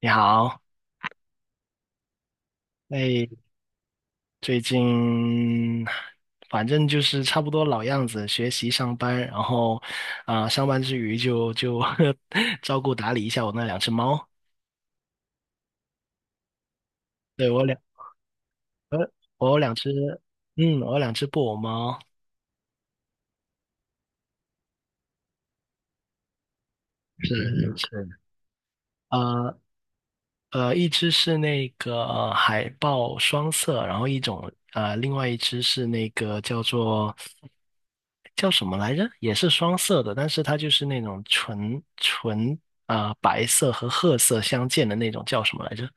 你好，哎，最近反正就是差不多老样子，学习、上班，然后上班之余就 照顾打理一下我那两只猫。对，呃，我有两只，我有两只布偶猫，是是，呃，一只是那个海豹双色，然后另外一只是那个叫什么来着？也是双色的，但是它就是那种纯纯白色和褐色相间的那种，叫什么来着？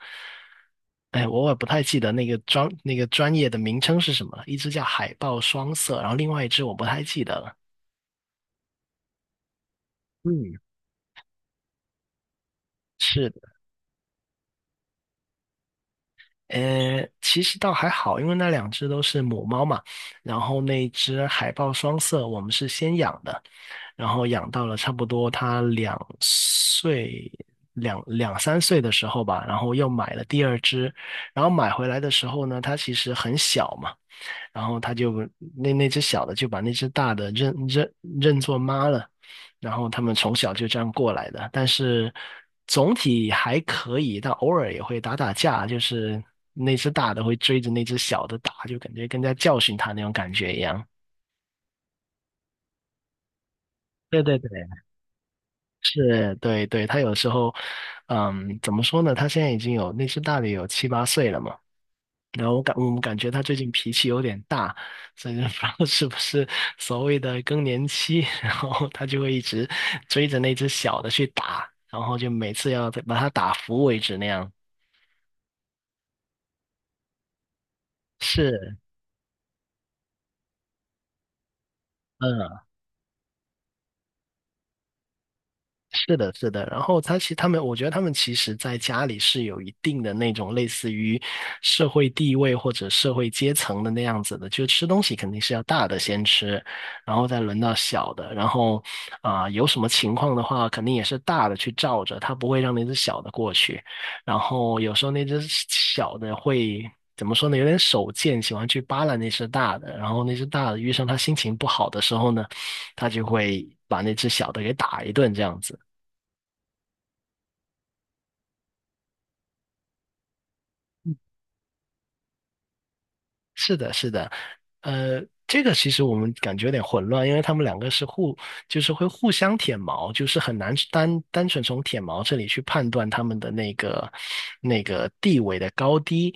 哎，我也不太记得那个专业的名称是什么了。一只叫海豹双色，然后另外一只我不太记得了。嗯，是。其实倒还好，因为那两只都是母猫嘛，然后那一只海豹双色，我们是先养的，然后养到了差不多它2岁、两三岁的时候吧，然后又买了第二只，然后买回来的时候呢，它其实很小嘛，然后他就那那只小的就把那只大的认作妈了，然后他们从小就这样过来的，但是总体还可以，但偶尔也会打打架，就是那只大的会追着那只小的打，就感觉跟在教训他那种感觉一样。对对对，是，对对，他有时候，怎么说呢？他现在已经有那只大的有七八岁了嘛。然后我们感觉他最近脾气有点大，所以就 不知道是不是所谓的更年期，然后他就会一直追着那只小的去打，然后就每次要把它打服为止那样。是，嗯。是的，是的。然后他们，我觉得他们其实在家里是有一定的那种类似于社会地位或者社会阶层的那样子的，就吃东西肯定是要大的先吃，然后再轮到小的。然后有什么情况的话，肯定也是大的去罩着，他不会让那只小的过去。然后有时候那只小的会。怎么说呢？有点手贱，喜欢去扒拉那只大的，然后那只大的遇上他心情不好的时候呢，他就会把那只小的给打一顿，这样子。是的，是的，呃，这个其实我们感觉有点混乱，因为他们两个就是会互相舔毛，就是很难单纯从舔毛这里去判断他们的那个地位的高低，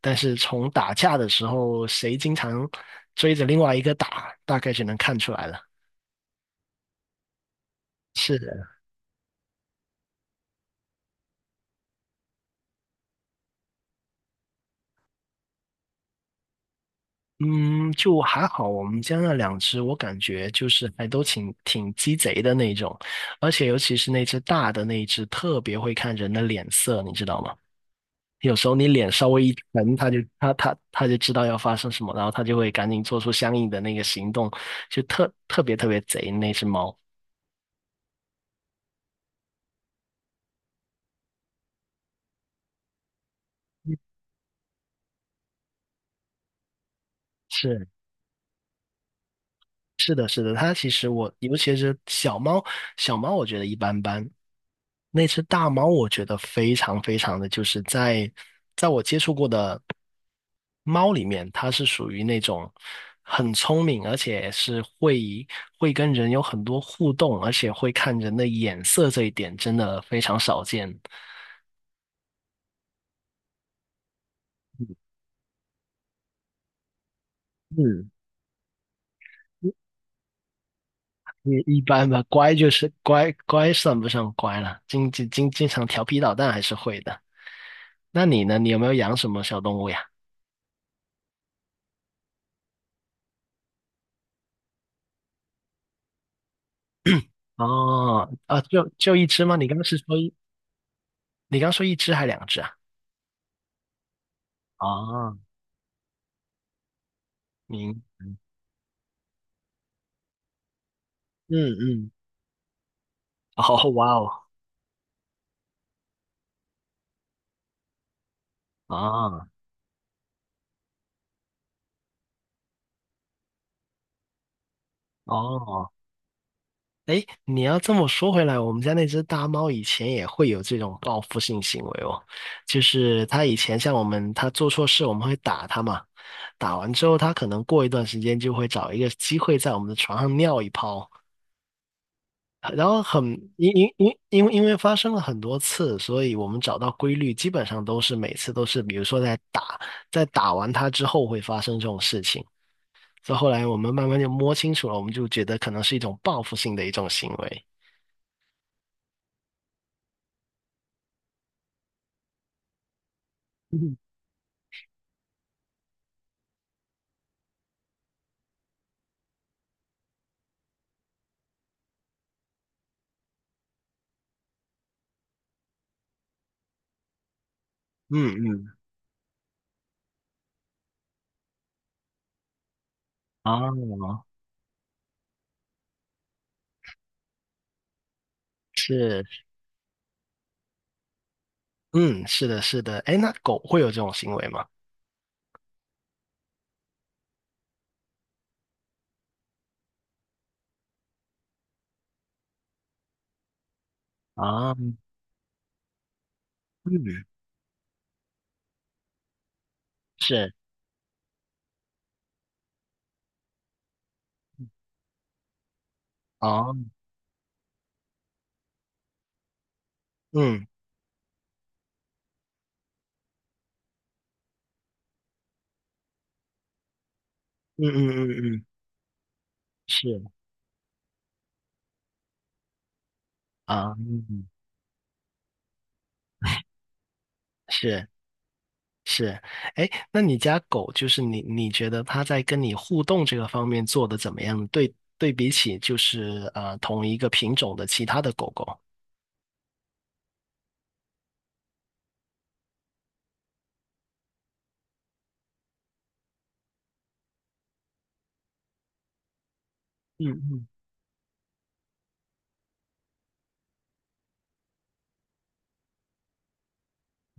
但是从打架的时候，谁经常追着另外一个打，大概就能看出来了。是，的。嗯，就还好，我们家那两只，我感觉就是还都挺鸡贼的那种，而且尤其是那只大的那一只，特别会看人的脸色，你知道吗？有时候你脸稍微一沉，它就知道要发生什么，然后它就会赶紧做出相应的那个行动，就特别特别贼那只猫。是是的，是的，它其实我尤其是小猫，小猫我觉得一般般，那只大猫，我觉得非常非常的，就是在我接触过的猫里面，它是属于那种很聪明，而且是会跟人有很多互动，而且会看人的眼色这一点，真的非常少见。嗯，也一般吧，乖就是乖，乖算不上乖了，经常调皮捣蛋还是会的。那你呢？你有没有养什么小动物呀？哦，啊，就一只吗？你刚刚说一只还两只啊？啊，明，嗯嗯，哦，哇哦，啊，哦，哎，你要这么说回来，我们家那只大猫以前也会有这种报复性行为哦，就是它以前像我们，它做错事我们会打它嘛，打完之后它可能过一段时间就会找一个机会在我们的床上尿一泡，然后很因因因因为因为发生了很多次，所以我们找到规律，基本上都是每次都是，比如说在打完它之后会发生这种事情。所以后来我们慢慢就摸清楚了，我们就觉得可能是一种报复性的一种行为。嗯嗯嗯，啊，是，嗯，是的，是的。哎，那狗会有这种行为吗？啊，嗯，是，啊，嗯嗯嗯嗯嗯，是，啊，嗯，是是。哎，那你家狗就是你，你觉得它在跟你互动这个方面做的怎么样？对对比起就是同一个品种的其他的狗狗，嗯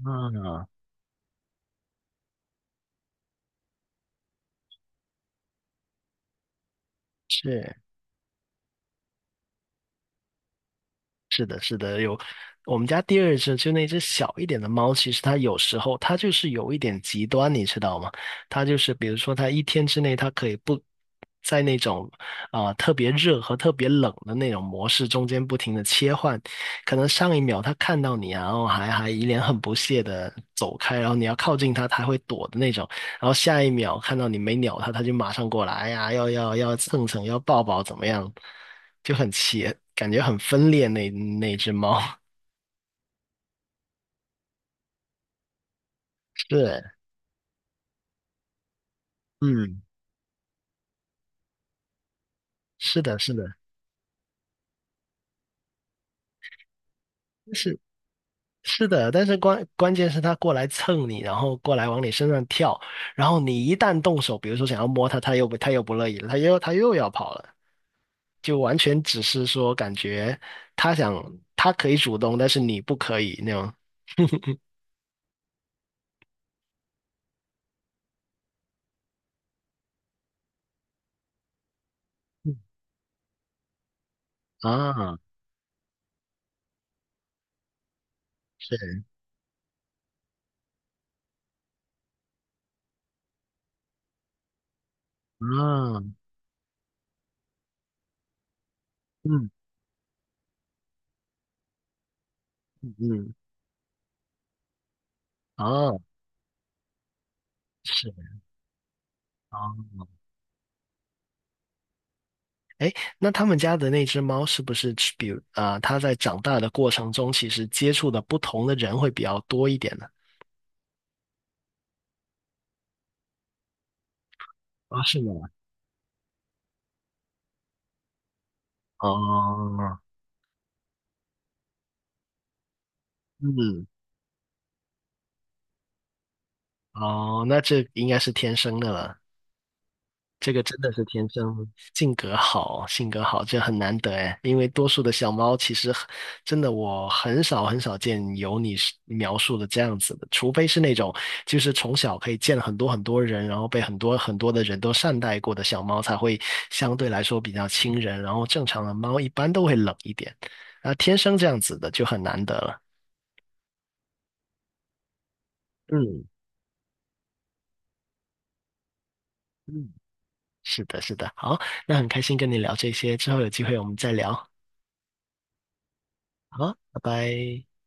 嗯，啊，是。是的，是的，有我们家第二只就那只小一点的猫，其实它有时候它就是有一点极端，你知道吗？它就是比如说它一天之内它可以不在那种特别热和特别冷的那种模式中间不停的切换，可能上一秒它看到你啊，然后还一脸很不屑的走开，然后你要靠近它，它会躲的那种。然后下一秒看到你没鸟它，它就马上过来，哎呀，要蹭蹭，要抱抱，怎么样？就感觉很分裂那只猫。是，嗯，是的，是的，是是的，但是关键是它过来蹭你，然后过来往你身上跳，然后你一旦动手，比如说想要摸它，它又不乐意了，它又要跑了，就完全只是说感觉它想它可以主动，但是你不可以那种。嗯啊，是啊，嗯嗯，哦，是哦，哎，那他们家的那只猫是不是比如它在长大的过程中，其实接触的不同的人会比较多一点呢？啊，是的，哦，嗯，哦，那这应该是天生的了。这个真的是天生性格好，性格好，这很难得哎。因为多数的小猫其实真的，我很少很少见有你是描述的这样子的，除非是那种就是从小可以见很多很多人，然后被很多很多的人都善待过的小猫，才会相对来说比较亲人。然后正常的猫一般都会冷一点，啊，天生这样子的就很难得了。嗯嗯，是的，是的。好，那很开心跟你聊这些，之后有机会我们再聊。好，拜拜。